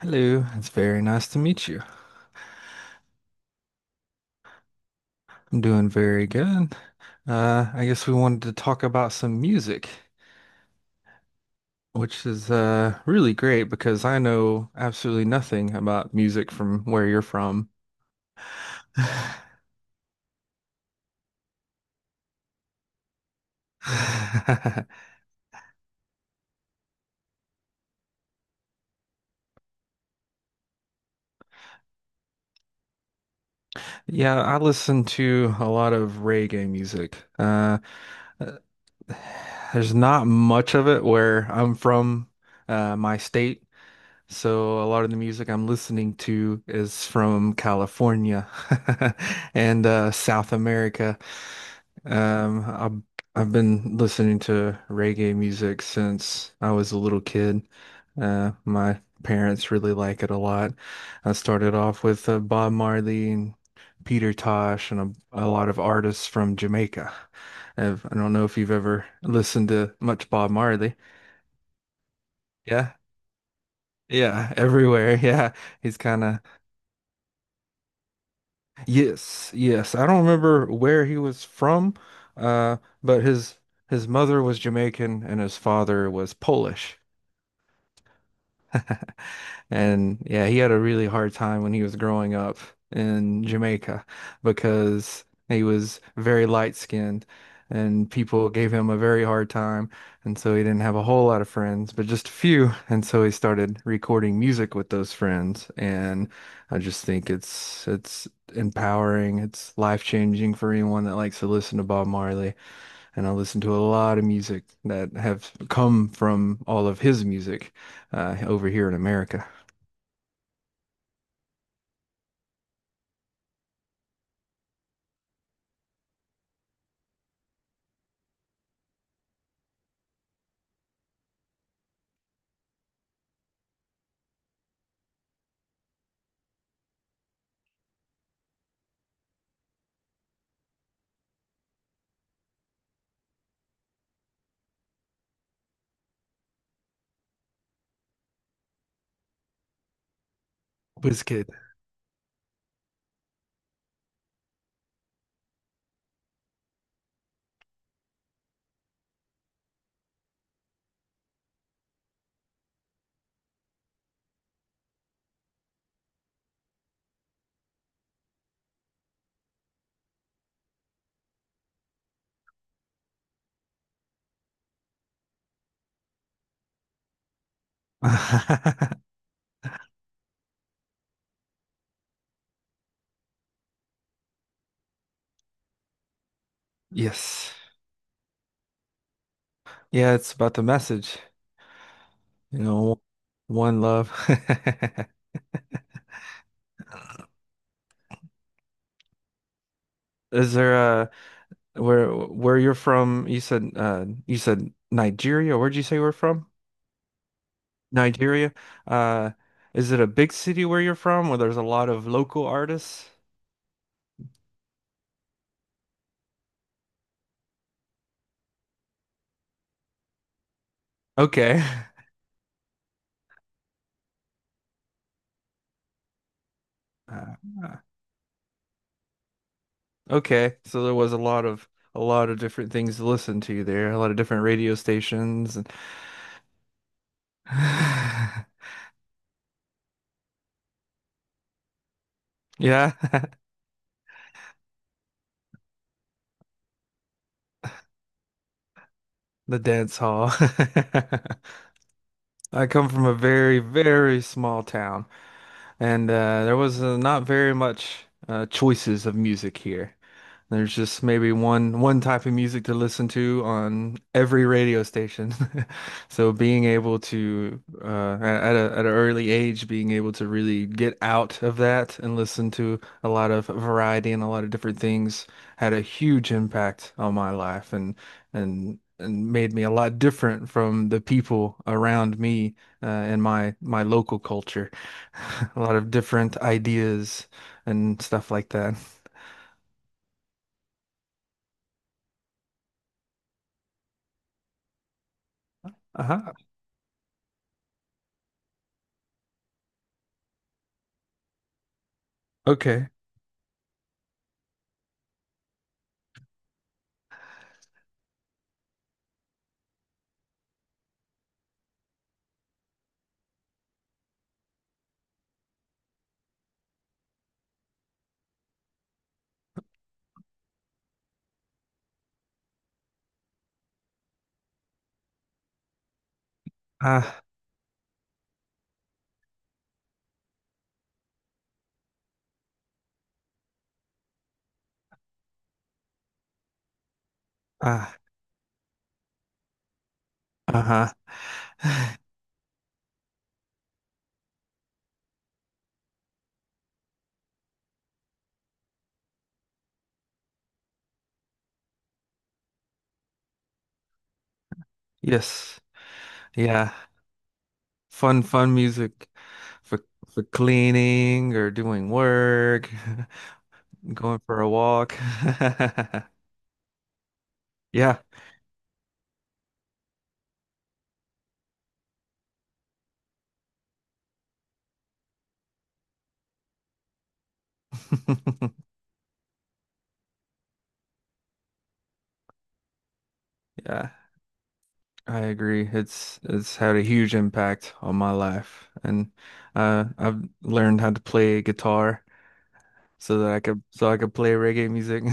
Hello, it's very nice to meet you. I'm doing very good. I guess we wanted to talk about some music, which is really great because I know absolutely nothing about music from where you're from. Yeah, I listen to a lot of reggae music. Uh, there's not much of it where I'm from, my state. So a lot of the music I'm listening to is from California and South America. Um, I've I've been listening to reggae music since I was a little kid. My parents really like it a lot. I started off with Bob Marley and Peter Tosh and a lot of artists from Jamaica. I don't know if you've ever listened to much Bob Marley. Yeah, yeah, everywhere. Yeah, he's kind of. Yes, yes. I don't remember where he was from, uh, but his mother was Jamaican and his father was Polish. And yeah, he had a really hard time when he was growing up in Jamaica because he was very light skinned and people gave him a very hard time. And so he didn't have a whole lot of friends, but just a few. And so he started recording music with those friends. And I just think it's empowering, it's life changing for anyone that likes to listen to Bob Marley. And I listen to a lot of music that have come from all of his music over here in America. WizKid. Yes. Yeah, it's about the message, you know, one love. Is there where you're from? You said Nigeria. Where'd you say you we're from? Nigeria. Uh is it a big city where you're from where there's a lot of local artists? Okay. Uh, okay. So there was a lot of different things to listen to there, a lot of different radio stations and. Yeah. The dance hall. I come from a very, very small town, and there was not very much choices of music here. There's just maybe one type of music to listen to on every radio station. So being able to at an early age, being able to really get out of that and listen to a lot of variety and a lot of different things had a huge impact on my life and and made me a lot different from the people around me in my local culture. A lot of different ideas and stuff like that. Uh-huh. Okay. Ah, ah, uh-huh. Yes. Yeah. Fun, fun music for cleaning or doing work, going for a walk. Yeah. Yeah, I agree. It's had a huge impact on my life. And I've learned how to play guitar so that I could play reggae music.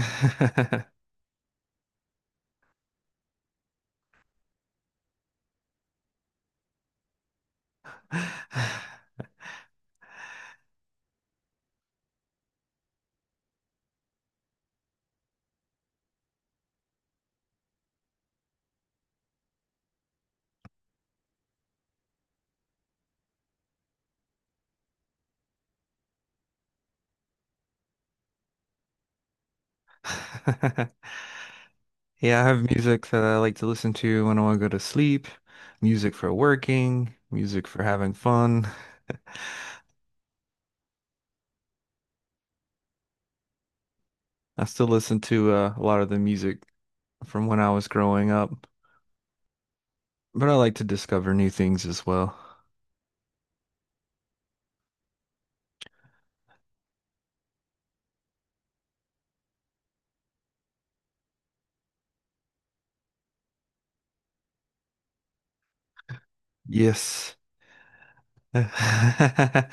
Yeah, I have music that I like to listen to when I want to go to sleep, music for working, music for having fun. I still listen to a lot of the music from when I was growing up, but I like to discover new things as well. Yes.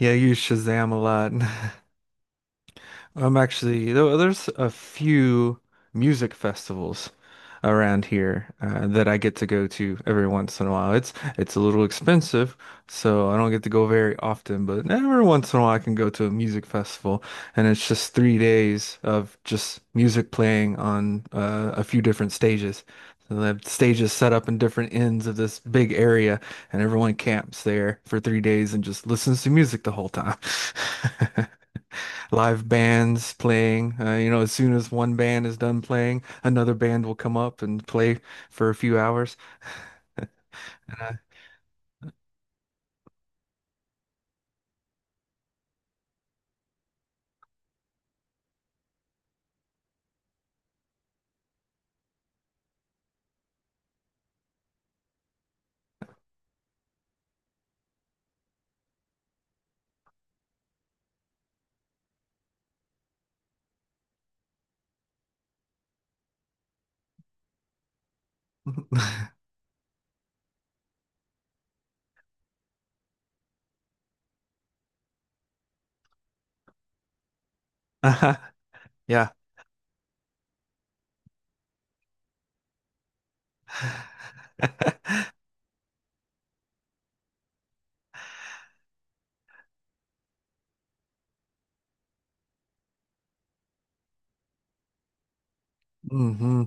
Yeah, I use Shazam a lot. I'm actually there's a few music festivals around here that I get to go to every once in a while. It's a little expensive, so I don't get to go very often, but every once in a while I can go to a music festival, and it's just 3 days of just music playing on a few different stages. So they have stages set up in different ends of this big area, and everyone camps there for 3 days and just listens to music the whole time. Live bands playing. You know, as soon as one band is done playing, another band will come up and play for a few hours. And, uh, uh-huh, yeah. Hmm.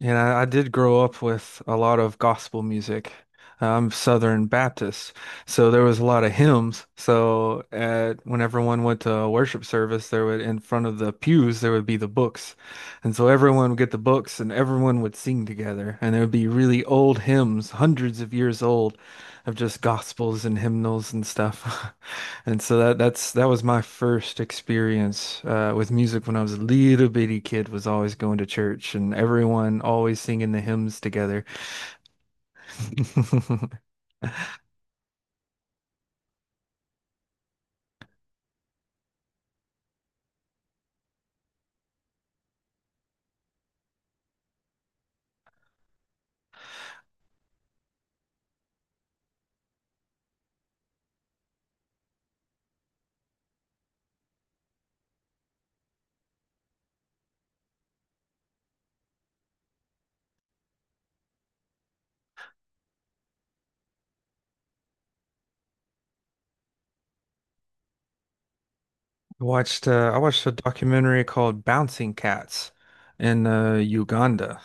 And I did grow up with a lot of gospel music. I'm Southern Baptist, so there was a lot of hymns. So at when everyone went to worship service, there would, in front of the pews, there would be the books, and so everyone would get the books and everyone would sing together. And there would be really old hymns, hundreds of years old, of just gospels and hymnals and stuff. And so that was my first experience with music when I was a little bitty kid, was always going to church and everyone always singing the hymns together. I watched a documentary called Bouncing Cats in Uganda.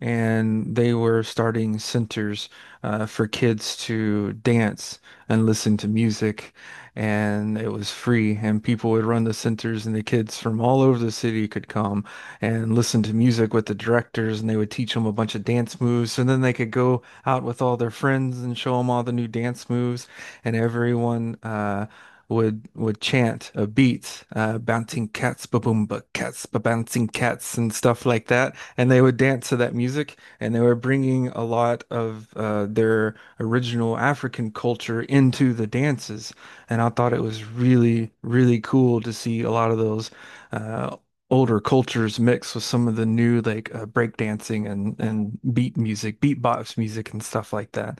And they were starting centers for kids to dance and listen to music, and it was free. And people would run the centers, and the kids from all over the city could come and listen to music with the directors, and they would teach them a bunch of dance moves. And then they could go out with all their friends and show them all the new dance moves, and everyone would chant a beat, bouncing cats, ba-boomba cats, ba-bouncing cats, and stuff like that. And they would dance to that music, and they were bringing a lot of their original African culture into the dances. And I thought it was really, really cool to see a lot of those uh, older cultures mixed with some of the new like break dancing and beat music, beatbox music, and stuff like that.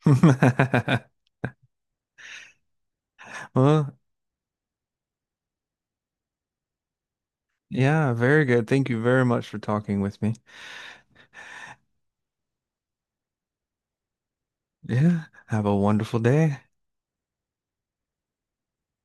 Well, yeah, very good. Thank you very much for talking with me. Yeah, have a wonderful day.